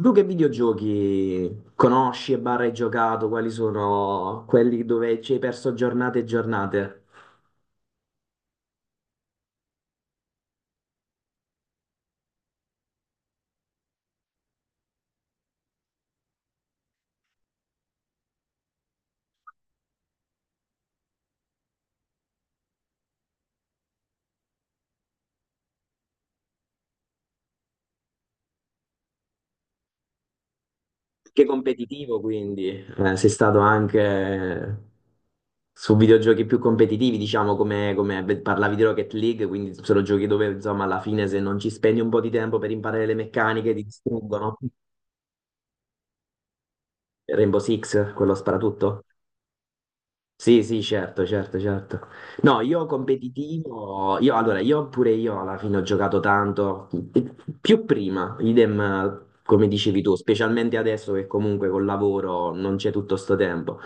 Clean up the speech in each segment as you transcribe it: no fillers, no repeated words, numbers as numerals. Tu che videogiochi conosci e barra hai giocato? Quali sono quelli dove ci hai perso giornate e giornate? Che competitivo, quindi sei stato anche su videogiochi più competitivi, diciamo, come beh, parlavi di Rocket League, quindi sono giochi dove, insomma, alla fine se non ci spendi un po' di tempo per imparare le meccaniche ti distruggono. Rainbow Six, quello sparatutto? Sì, sì, certo, certo, certo. No, io competitivo, io allora, io pure io alla fine ho giocato tanto, più prima, idem come dicevi tu, specialmente adesso che comunque col lavoro non c'è tutto sto tempo.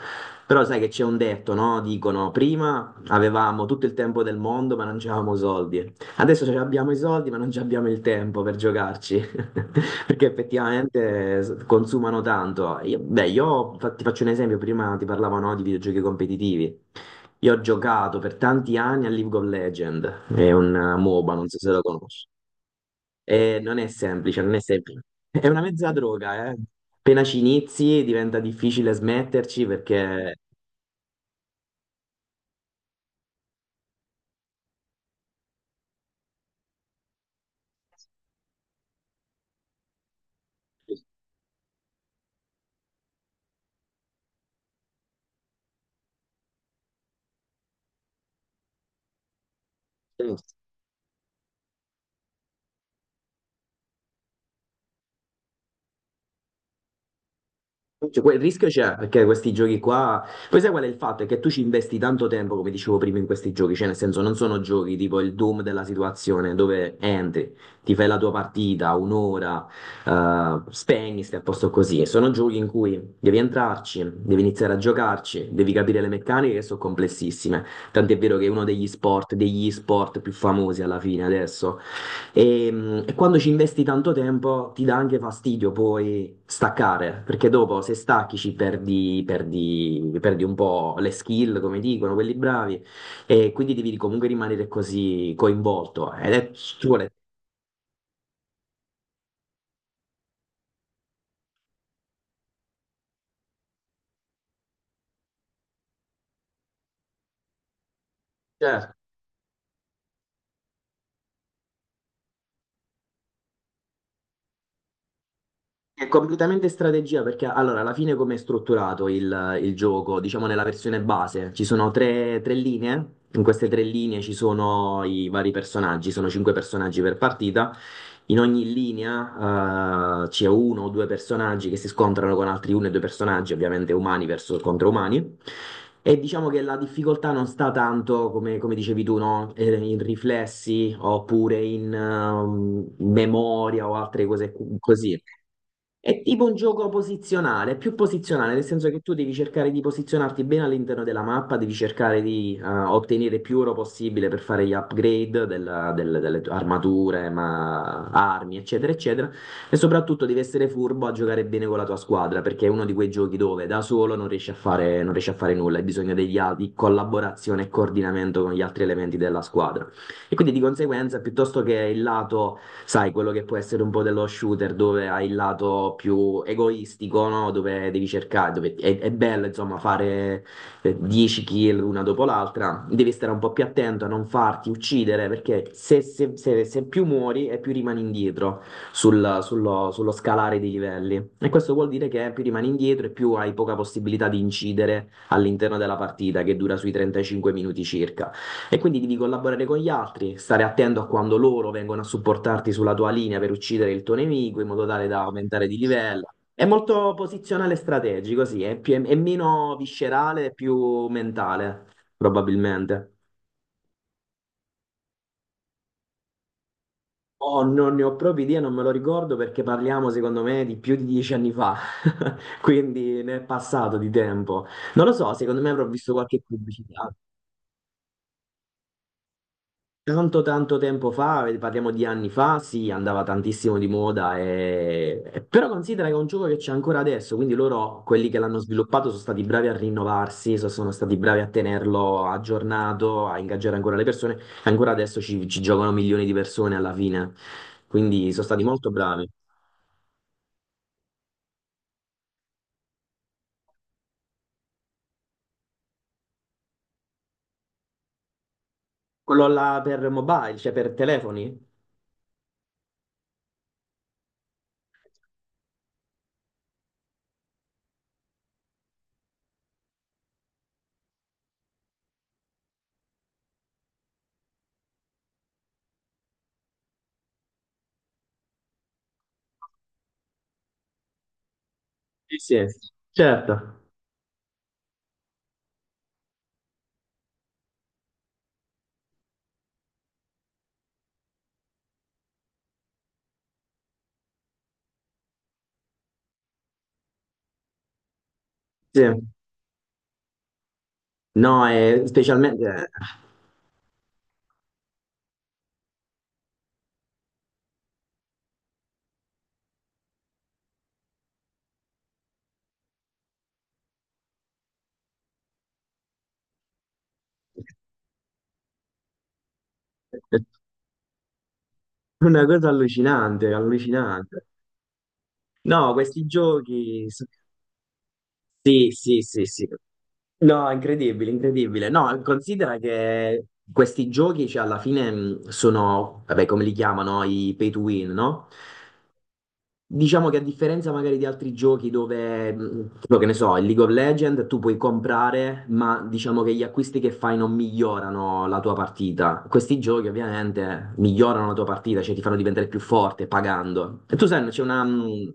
Però sai che c'è un detto, no? Dicono, prima avevamo tutto il tempo del mondo, ma non c'avevamo soldi. Adesso ce abbiamo i soldi, ma non ci abbiamo il tempo per giocarci, perché effettivamente consumano tanto. Beh, ti faccio un esempio, prima ti parlavo, no, di videogiochi competitivi. Io ho giocato per tanti anni a League of Legends, è un MOBA, non so se lo conosci. E non è semplice, non è semplice. È una mezza droga, eh. Appena ci inizi diventa difficile smetterci perché. Cioè, quel rischio c'è perché questi giochi qua. Poi sai qual è il fatto? È che tu ci investi tanto tempo, come dicevo prima, in questi giochi. Cioè, nel senso, non sono giochi tipo il Doom della situazione dove entri, ti fai la tua partita, un'ora, spegni, stai a posto così. Sono giochi in cui devi entrarci, devi iniziare a giocarci, devi capire le meccaniche che sono complessissime. Tant'è vero che è uno degli sport più famosi alla fine adesso. E quando ci investi tanto tempo ti dà anche fastidio poi staccare, perché dopo se stacchi ci perdi un po' le skill, come dicono quelli bravi, e quindi devi comunque rimanere così coinvolto. Ed è, ci vuole, certo. È completamente strategia perché allora alla fine come è strutturato il gioco? Diciamo nella versione base ci sono tre linee, in queste tre linee ci sono i vari personaggi, sono cinque personaggi per partita, in ogni linea c'è uno o due personaggi che si scontrano con altri uno e due personaggi, ovviamente umani verso, contro umani. E diciamo che la difficoltà non sta tanto, come dicevi tu, no? In riflessi oppure in memoria o altre cose così. È tipo un gioco posizionale, più posizionale, nel senso che tu devi cercare di posizionarti bene all'interno della mappa, devi cercare di ottenere più oro possibile per fare gli upgrade delle tue armature, armi, eccetera, eccetera. E soprattutto devi essere furbo a giocare bene con la tua squadra, perché è uno di quei giochi dove da solo non riesci a fare nulla, hai bisogno di collaborazione e coordinamento con gli altri elementi della squadra. E quindi di conseguenza, piuttosto che il lato, sai, quello che può essere un po' dello shooter, dove hai il lato più egoistico, no? Dove devi cercare, dove è bello, insomma, fare 10 kill una dopo l'altra, devi stare un po' più attento a non farti uccidere, perché se più muori e più rimani indietro sullo scalare dei livelli. E questo vuol dire che più rimani indietro e più hai poca possibilità di incidere all'interno della partita, che dura sui 35 minuti circa. E quindi devi collaborare con gli altri, stare attento a quando loro vengono a supportarti sulla tua linea per uccidere il tuo nemico in modo tale da aumentare di livello. È molto posizionale e strategico, sì, è meno viscerale, è più mentale, probabilmente. Oh, non ne ho proprio idea, non me lo ricordo perché parliamo, secondo me, di più di 10 anni fa, quindi ne è passato di tempo. Non lo so, secondo me avrò visto qualche pubblicità. Tanto tanto tempo fa, parliamo di anni fa, sì, andava tantissimo di moda, però considera che è un gioco che c'è ancora adesso, quindi loro, quelli che l'hanno sviluppato, sono stati bravi a rinnovarsi, sono stati bravi a tenerlo aggiornato, a ingaggiare ancora le persone, ancora adesso ci giocano milioni di persone alla fine, quindi sono stati molto bravi. Quello là per mobile, cioè per telefoni? Sì, sì, certo, sì. No, è specialmente. Una cosa allucinante, allucinante. No, questi giochi. Sì, sì, sì, sì. No, incredibile, incredibile. No, considera che questi giochi, cioè, alla fine sono, vabbè, come li chiamano, i pay to win, no? Diciamo che a differenza magari di altri giochi dove, tipo, che ne so, il League of Legends, tu puoi comprare, ma diciamo che gli acquisti che fai non migliorano la tua partita. Questi giochi ovviamente migliorano la tua partita, cioè ti fanno diventare più forte pagando. E tu sai, c'è una, mh,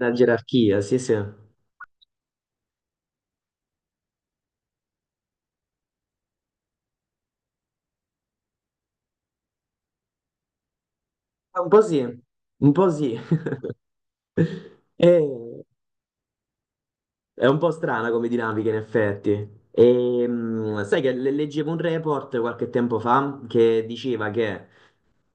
una gerarchia, sì, sì. Un po' sì, un po' sì. E, è un po' strana come dinamica, in effetti. E, sai che leggevo un report qualche tempo fa che diceva che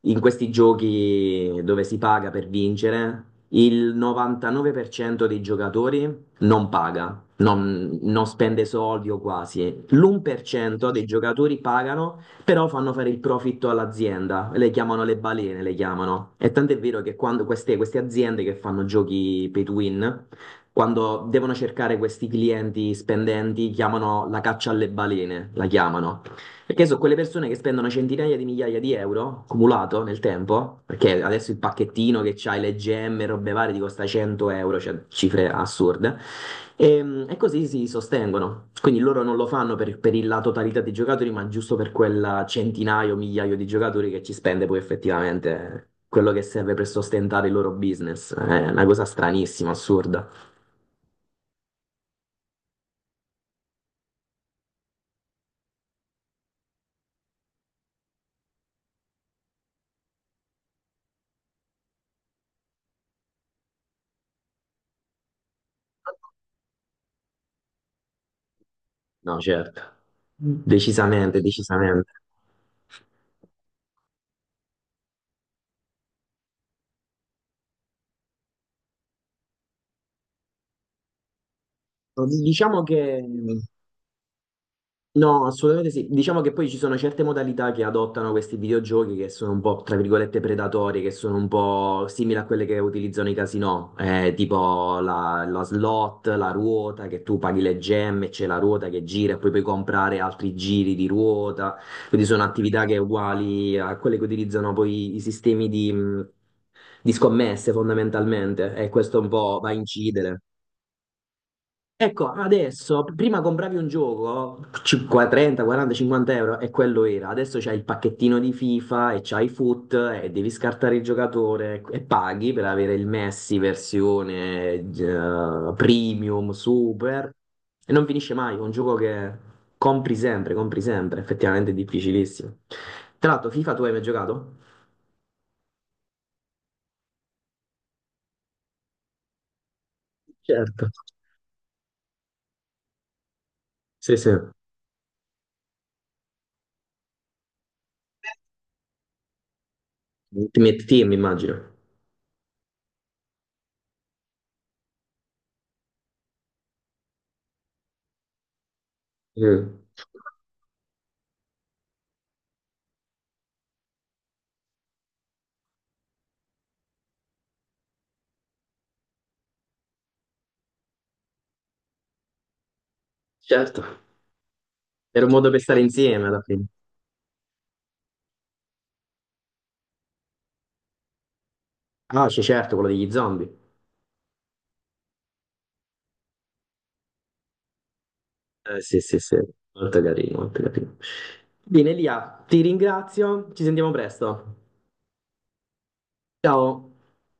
in questi giochi dove si paga per vincere, il 99% dei giocatori non paga, non spende soldi o quasi. L'1% dei giocatori pagano, però fanno fare il profitto all'azienda. Le chiamano le balene, le chiamano. E tant'è vero che quando queste aziende che fanno giochi pay to win quando devono cercare questi clienti spendenti, chiamano la caccia alle balene, la chiamano. Perché sono quelle persone che spendono centinaia di migliaia di euro accumulato nel tempo, perché adesso il pacchettino che c'hai le gemme, robe varie, ti costa 100 euro, cioè cifre assurde, e così si sostengono. Quindi loro non lo fanno per la totalità dei giocatori, ma giusto per quel centinaio, migliaio di giocatori che ci spende poi effettivamente quello che serve per sostentare il loro business. È una cosa stranissima, assurda. No, certo. Mm. Decisamente, decisamente. Diciamo che, no, assolutamente sì. Diciamo che poi ci sono certe modalità che adottano questi videogiochi che sono un po', tra virgolette, predatorie, che sono un po' simili a quelle che utilizzano i casinò, tipo la slot, la ruota, che tu paghi le gemme, c'è la ruota che gira e poi puoi comprare altri giri di ruota. Quindi sono attività che è uguali a quelle che utilizzano poi i sistemi di scommesse fondamentalmente e questo un po' va a incidere. Ecco, adesso, prima compravi un gioco, 50, 30, 40, 50 euro, e quello era. Adesso c'hai il pacchettino di FIFA e c'hai i FUT e devi scartare il giocatore ecco, e paghi per avere il Messi versione premium, super. E non finisce mai, è un gioco che compri sempre, effettivamente è difficilissimo. Tra l'altro, FIFA tu hai mai giocato? Certo. Sì, sì. Ultimate Team, immagino. Mm. Certo. Era un modo per stare insieme alla fine. Ah, c'è certo, quello degli zombie. Sì, sì, sì, molto carino, molto carino. Bene, Lia, ti ringrazio, ci sentiamo presto. Ciao.